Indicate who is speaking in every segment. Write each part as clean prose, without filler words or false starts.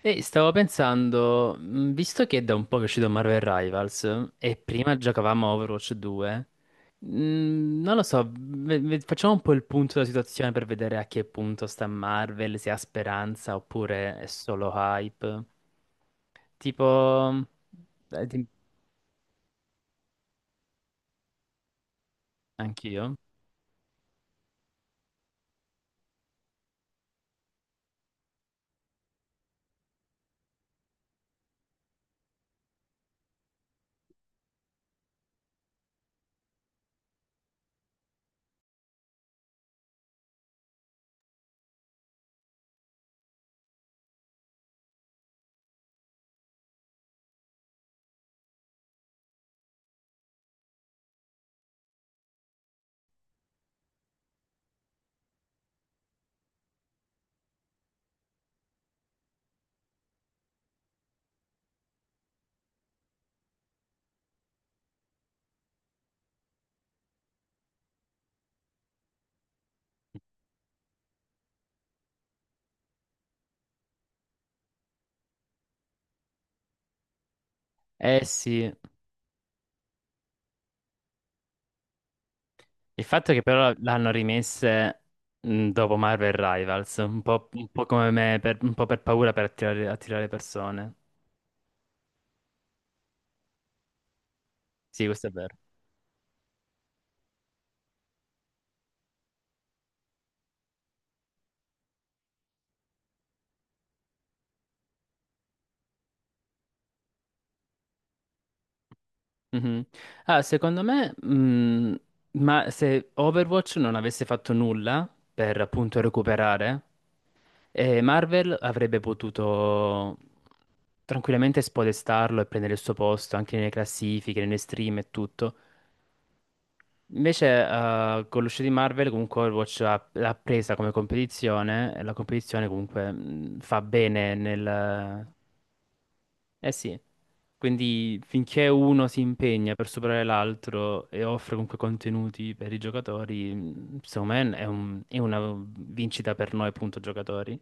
Speaker 1: E stavo pensando, visto che è da un po' che è uscito Marvel Rivals e prima giocavamo a Overwatch 2, non lo so, facciamo un po' il punto della situazione per vedere a che punto sta Marvel, se ha speranza oppure è solo hype. Tipo, eh, ti- anch'io. Eh sì, il fatto è che però l'hanno rimesse dopo Marvel Rivals, un po' come me, un po' per paura per attirare persone. Sì, questo è vero. Mhm. Ah, secondo me, ma se Overwatch non avesse fatto nulla per appunto recuperare, Marvel avrebbe potuto tranquillamente spodestarlo e prendere il suo posto anche nelle classifiche, nelle stream e tutto. Invece, con l'uscita di Marvel, comunque Overwatch l'ha presa come competizione e la competizione comunque fa bene nel, eh sì, quindi finché uno si impegna per superare l'altro e offre comunque contenuti per i giocatori, secondo me è è una vincita per noi, appunto, giocatori.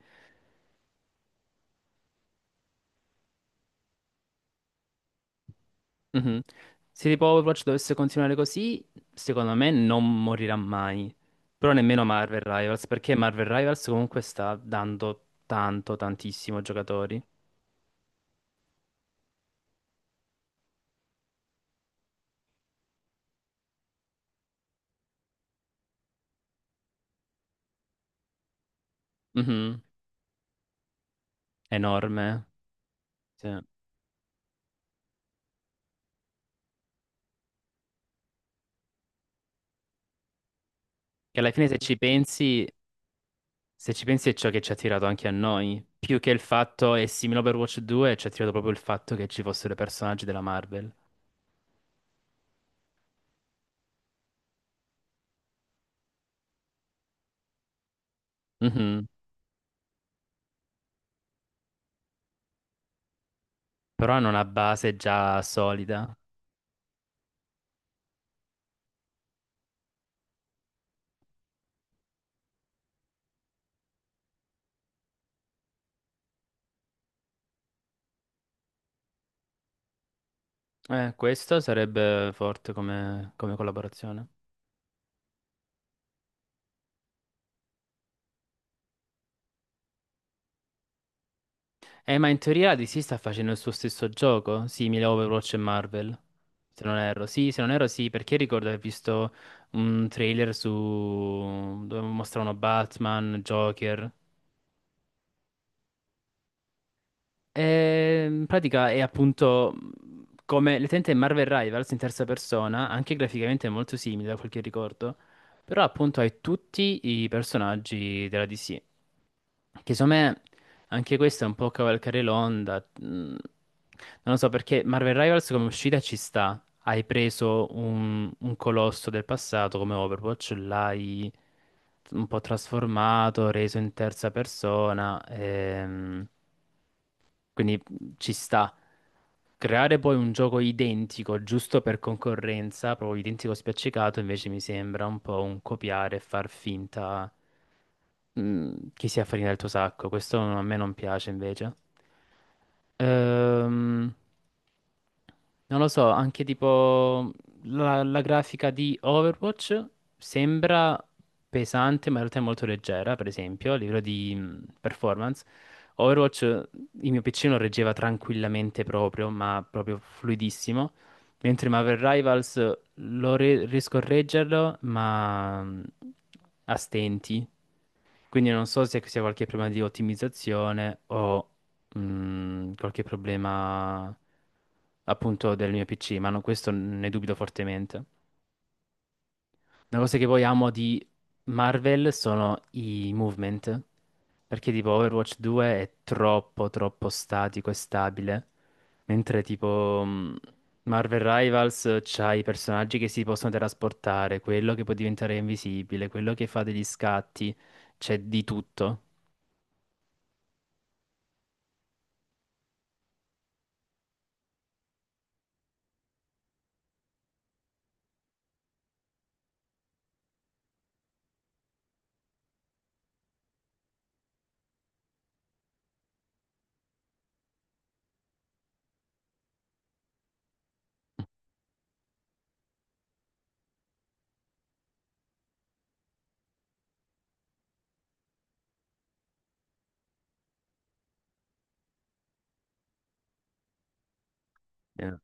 Speaker 1: Mhm. Se tipo Overwatch dovesse continuare così, secondo me non morirà mai. Però nemmeno Marvel Rivals, perché Marvel Rivals comunque sta dando tanto, tantissimo ai giocatori. Mhm. Enorme. Sì. Che alla fine se ci pensi Se ci pensi è ciò che ci ha attirato anche a noi, più che il fatto, è simile a Overwatch 2, ci ha attirato proprio il fatto che ci fossero i personaggi della Marvel. Mhm. Però hanno una base già solida. Questo sarebbe forte come, come collaborazione. Ma in teoria la DC sta facendo il suo stesso gioco, simile a Overwatch e Marvel. Se non erro, sì, se non erro sì, perché ricordo di aver visto un trailer su dove mostravano Batman, Joker. In pratica è appunto come l'utente Marvel Rivals in terza persona, anche graficamente è molto simile da quel che ricordo, però appunto hai tutti i personaggi della DC, che secondo me anche questo è un po' cavalcare l'onda, non lo so perché Marvel Rivals come uscita ci sta, hai preso un colosso del passato come Overwatch, l'hai un po' trasformato, reso in terza persona. Quindi ci sta. Creare poi un gioco identico, giusto per concorrenza, proprio identico spiaccicato, invece mi sembra un po' un copiare e far finta chi si affarina del tuo sacco, questo a me non piace invece. Ehm, non lo so, anche tipo la grafica di Overwatch sembra pesante, ma in realtà è molto leggera, per esempio, a livello di performance. Overwatch, il mio PC lo reggeva tranquillamente proprio, ma proprio fluidissimo. Mentre Marvel Rivals riesco a reggerlo, ma a stenti. Quindi non so se sia qualche problema di ottimizzazione o qualche problema appunto del mio PC, ma questo ne dubito fortemente. Una cosa che poi amo di Marvel sono i movement, perché tipo Overwatch 2 è troppo statico e stabile, mentre tipo Marvel Rivals c'ha i personaggi che si possono trasportare, quello che può diventare invisibile, quello che fa degli scatti, c'è di tutto. Eh,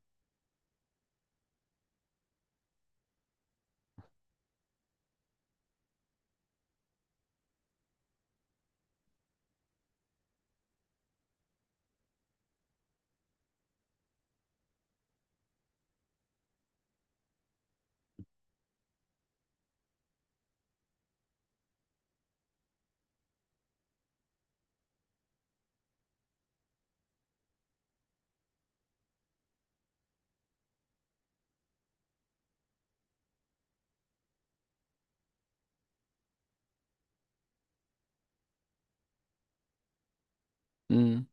Speaker 1: Mm,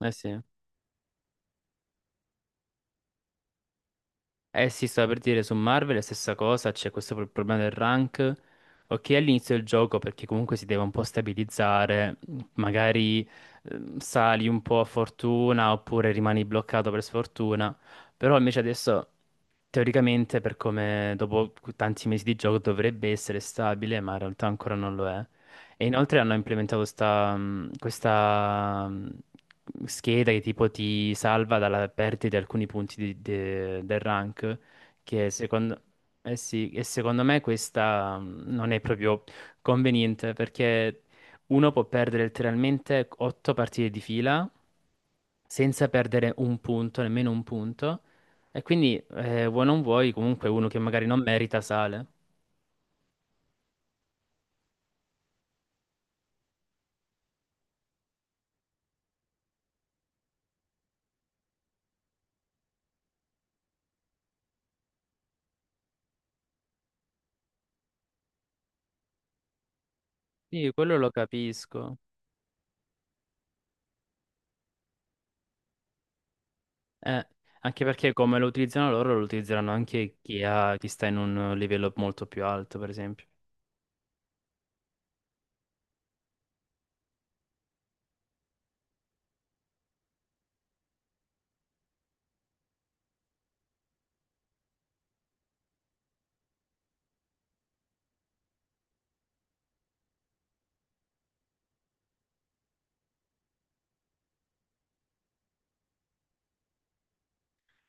Speaker 1: eh sì. Eh sì, stavo per dire su Marvel è la stessa cosa, c'è questo problema del rank. Ok, all'inizio del gioco perché comunque si deve un po' stabilizzare, magari sali un po' a fortuna oppure rimani bloccato per sfortuna, però invece adesso teoricamente per come dopo tanti mesi di gioco dovrebbe essere stabile, ma in realtà ancora non lo è. E inoltre hanno implementato questa scheda che tipo ti salva dalla perdita di alcuni punti del rank, che secondo, eh sì, e secondo me questa non è proprio conveniente perché uno può perdere letteralmente 8 partite di fila senza perdere un punto, nemmeno un punto, e quindi vuoi non vuoi comunque uno che magari non merita sale. Sì, quello lo capisco. Eh, anche perché come lo utilizzano loro, lo utilizzeranno anche chi chi sta in un livello molto più alto, per esempio.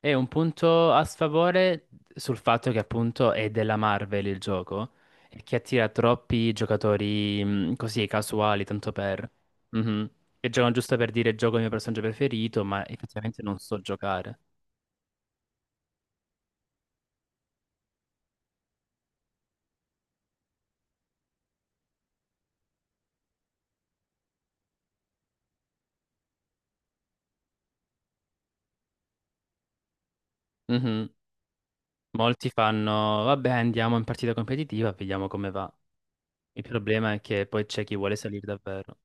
Speaker 1: E un punto a sfavore sul fatto che appunto è della Marvel il gioco e che attira troppi giocatori così casuali, tanto per... Mhm. Che giocano giusto per dire gioco il mio personaggio preferito, ma effettivamente non so giocare. Mhm. Molti fanno, vabbè, andiamo in partita competitiva, vediamo come va. Il problema è che poi c'è chi vuole salire davvero.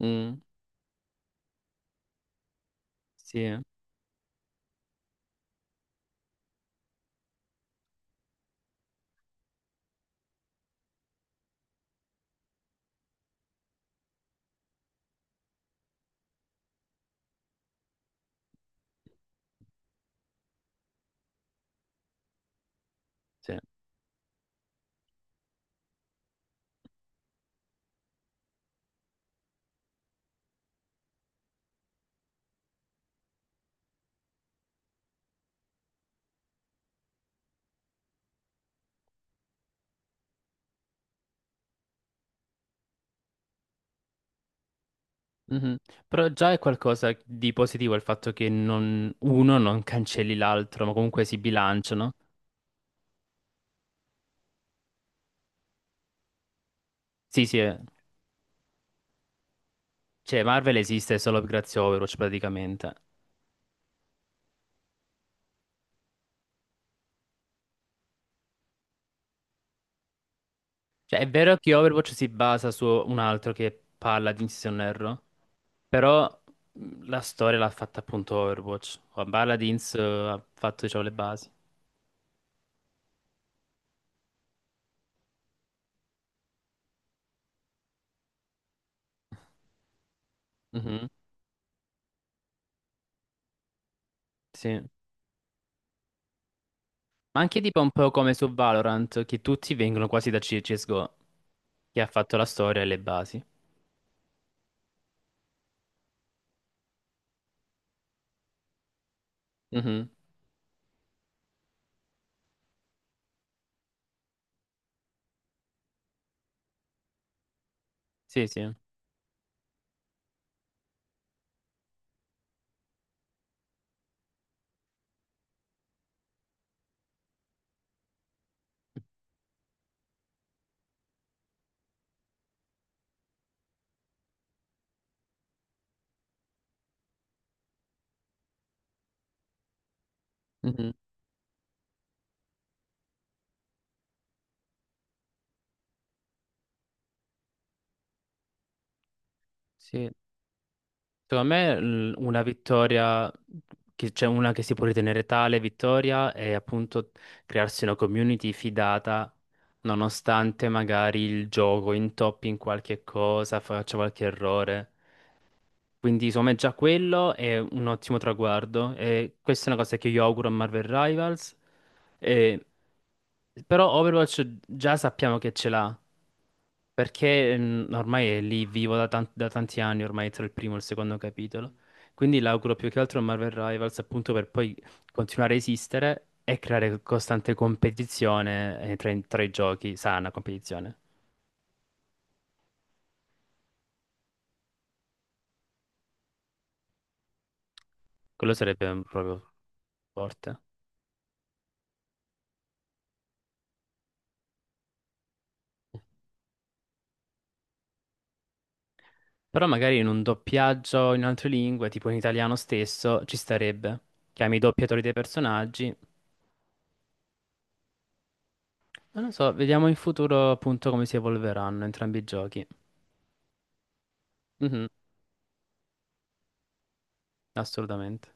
Speaker 1: Mm, sì. Sì. Mhm. Però già è qualcosa di positivo il fatto che uno non cancelli l'altro, ma comunque si bilanciano. Sì, sì, eh. Cioè Marvel esiste solo grazie a Overwatch praticamente. Cioè è vero che Overwatch si basa su un altro che parla di Inz Erro, però la storia l'ha fatta appunto Overwatch. Paladins ha fatto, diciamo, le basi. Mhm. Sì. Ma anche tipo un po' come su Valorant, che tutti vengono quasi da CSGO, che ha fatto la storia e le basi. Mhm. Sì, sì. Mhm. Sì. Secondo me una vittoria, che c'è una che si può ritenere tale vittoria, è appunto crearsi una community fidata, nonostante magari il gioco intoppi in qualche cosa, faccia qualche errore. Quindi secondo me già quello è un ottimo traguardo e questa è una cosa che io auguro a Marvel Rivals. E- Però Overwatch già sappiamo che ce l'ha, perché ormai è lì vivo da tanti anni, ormai tra il primo e il secondo capitolo. Quindi l'auguro più che altro a Marvel Rivals appunto per poi continuare a esistere e creare costante competizione tra i giochi, sana competizione. Quello sarebbe proprio forte. Però magari in un doppiaggio in altre lingue, tipo in italiano stesso, ci starebbe. Chiami i doppiatori dei personaggi. Non lo so, vediamo in futuro appunto come si evolveranno entrambi i giochi. Mhm, assolutamente.